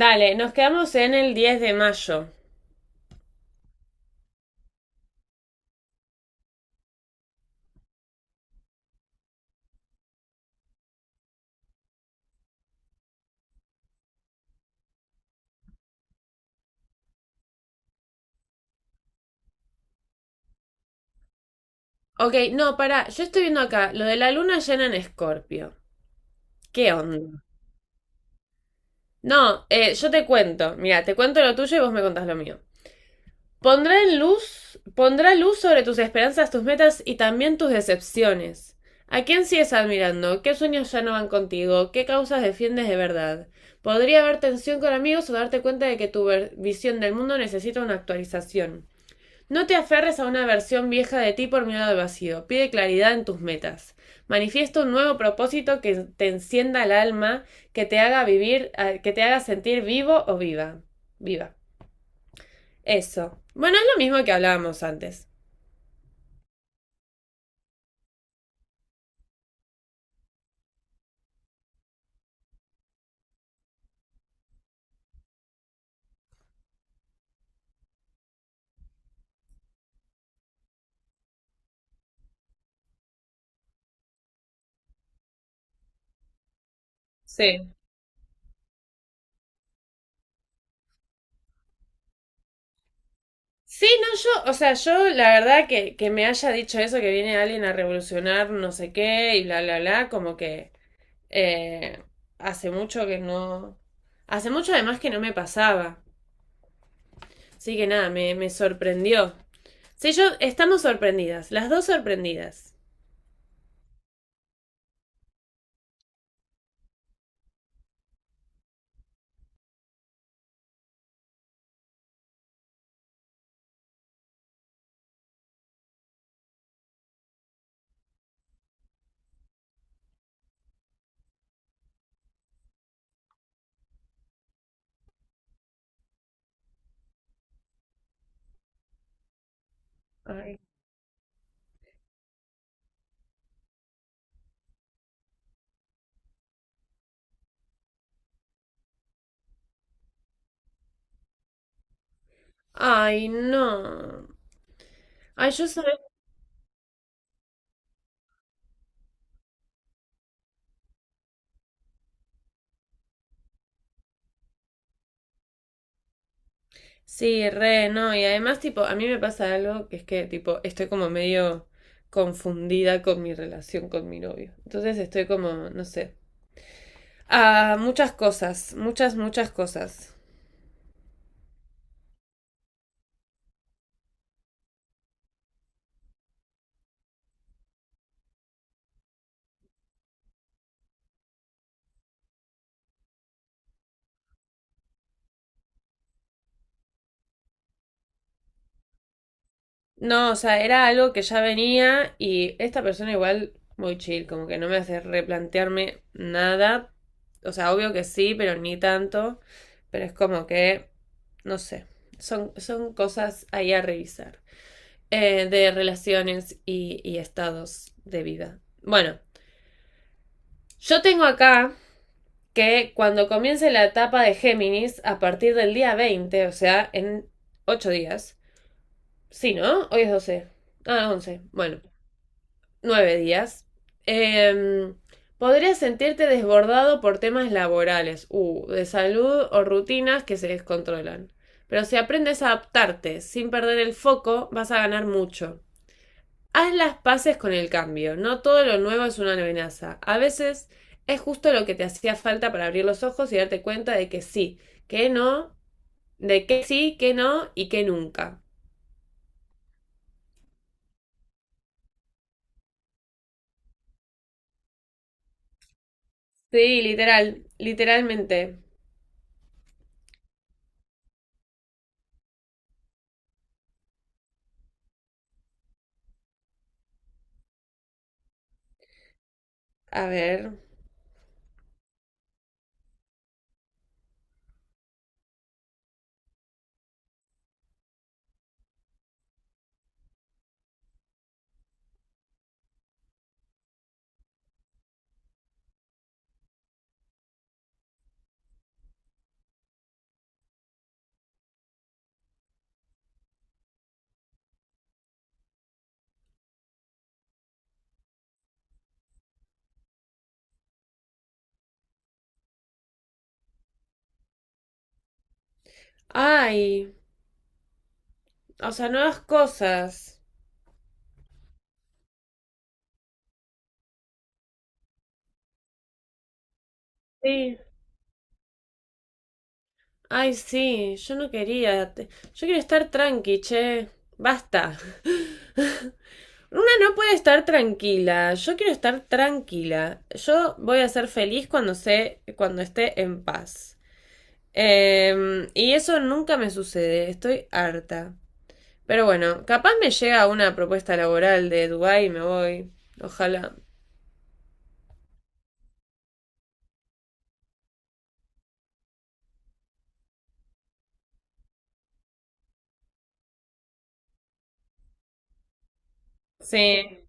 Dale, nos quedamos en el 10 de mayo. Ok, no, pará, yo estoy viendo acá lo de la luna llena en Escorpio. ¿Qué onda? No, yo te cuento. Mira, te cuento lo tuyo y vos me contás lo mío. Pondrá en luz, pondrá luz sobre tus esperanzas, tus metas y también tus decepciones. ¿A quién sigues admirando? ¿Qué sueños ya no van contigo? ¿Qué causas defiendes de verdad? Podría haber tensión con amigos o darte cuenta de que tu visión del mundo necesita una actualización. No te aferres a una versión vieja de ti por miedo al vacío. Pide claridad en tus metas. Manifiesta un nuevo propósito que te encienda el alma, que te haga vivir, que te haga sentir vivo o viva. Viva. Eso. Bueno, es lo mismo que hablábamos antes. Sí. Sí, no, yo, o sea, yo la verdad que me haya dicho eso, que viene alguien a revolucionar no sé qué y bla, bla, bla, como que eh, hace mucho que no... Hace mucho además que no me pasaba. Así que nada, me sorprendió. Sí, yo estamos sorprendidas, las dos sorprendidas. Ay, ay, no. Ay, yo soy... Sí, re, no. Y además, tipo, a mí me pasa algo que es que, tipo, estoy como medio confundida con mi relación con mi novio. Entonces estoy como, no sé. Ah, muchas cosas, muchas, muchas cosas. No, o sea, era algo que ya venía y esta persona igual muy chill, como que no me hace replantearme nada. O sea, obvio que sí, pero ni tanto. Pero es como que, no sé, son cosas ahí a revisar. De relaciones y estados de vida. Bueno, yo tengo acá que cuando comience la etapa de Géminis, a partir del día 20, o sea, en 8 días. Sí, ¿no? Hoy es 12. Ah, 11. Bueno. Nueve días. Eh, Podrías sentirte desbordado por temas laborales, de salud o rutinas que se descontrolan. Pero si aprendes a adaptarte sin perder el foco, vas a ganar mucho. Haz las paces con el cambio. No todo lo nuevo es una amenaza. A veces es justo lo que te hacía falta para abrir los ojos y darte cuenta de que sí, que no, de que sí, que no y que nunca. Sí, literal, literalmente. A ver. Ay, o sea, nuevas cosas. Sí, ay, sí, yo no quería. Yo quiero estar tranqui, che. Basta. Una no puede estar tranquila. Yo quiero estar tranquila. Yo voy a ser feliz cuando sé, cuando esté en paz. Y eso nunca me sucede. Estoy harta. Pero bueno, capaz me llega una propuesta laboral de Dubái y me voy. Ojalá. Sí.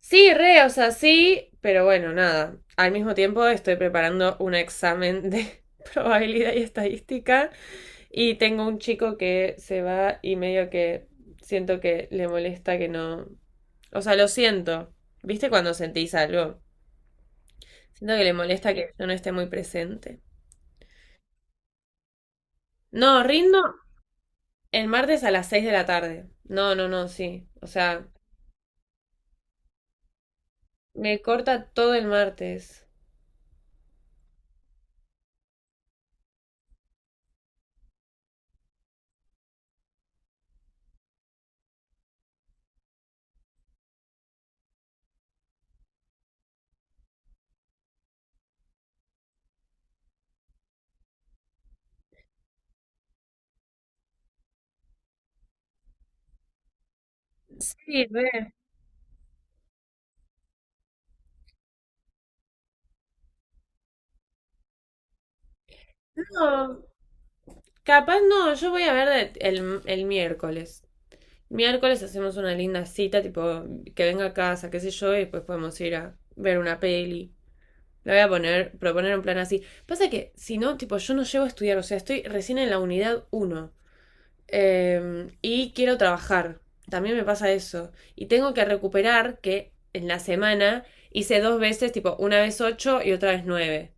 Sí, re, o sea, sí, pero bueno, nada. Al mismo tiempo estoy preparando un examen de probabilidad y estadística y tengo un chico que se va y medio que siento que le molesta que no... O sea, lo siento. ¿Viste cuando sentís algo? Siento que le molesta que yo no esté muy presente. No, rindo el martes a las 6 de la tarde. No, no, no, sí. O sea, me, corta todo el martes. Sí, re. No. Capaz no, yo voy a ver el miércoles. Miércoles hacemos una linda cita, tipo, que venga a casa, qué sé yo, y después podemos ir a ver una peli. Le voy a poner, proponer un plan así. Pasa que, si no, tipo, yo no llego a estudiar, o sea, estoy recién en la unidad uno y quiero trabajar. También me pasa eso. Y tengo que recuperar que en la semana hice dos veces, tipo, una vez 8 y otra vez nueve.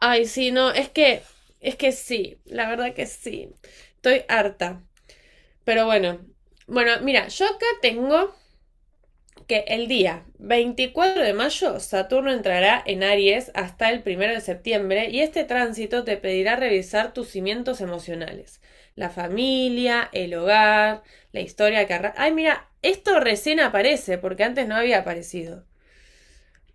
Ay, sí, no, es que sí, la verdad que sí. Estoy harta. Pero bueno. Bueno, mira, yo acá tengo que el día 24 de mayo Saturno entrará en Aries hasta el 1 de septiembre y este tránsito te pedirá revisar tus cimientos emocionales, la familia, el hogar, la historia que Ay, mira, esto recién aparece porque antes no había aparecido.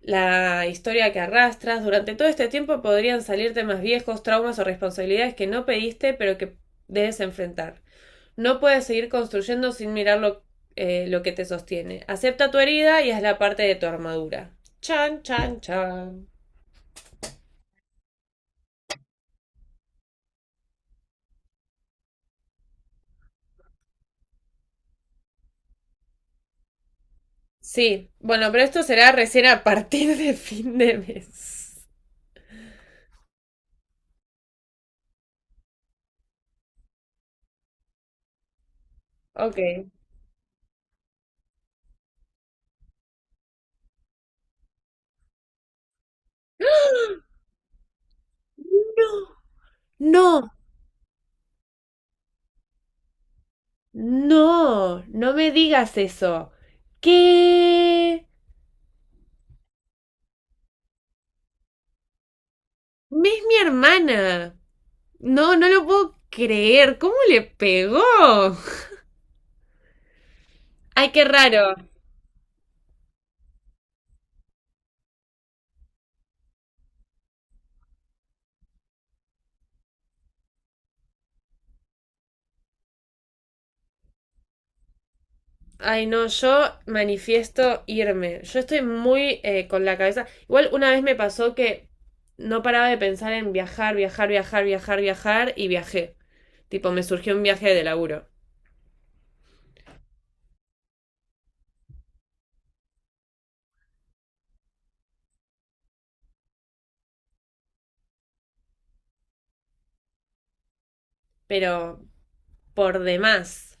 La historia que arrastras durante todo este tiempo podrían salir temas viejos, traumas o responsabilidades que no pediste pero que debes enfrentar. No puedes seguir construyendo sin mirar lo que te sostiene. Acepta tu herida y hazla parte de tu armadura. Chan, chan, chan. Sí, bueno, pero esto será recién a partir de fin de mes. Ok. No, no, no, no me digas eso. ¿Qué? Es mi hermana. No, no lo puedo creer. ¿Cómo le pegó? Ay, qué raro. Ay, no, yo manifiesto irme. Yo estoy muy con la cabeza. Igual una vez me pasó que no paraba de pensar en viajar, viajar, viajar, viajar, viajar y viajé. Tipo, me surgió un viaje de laburo. Pero por demás.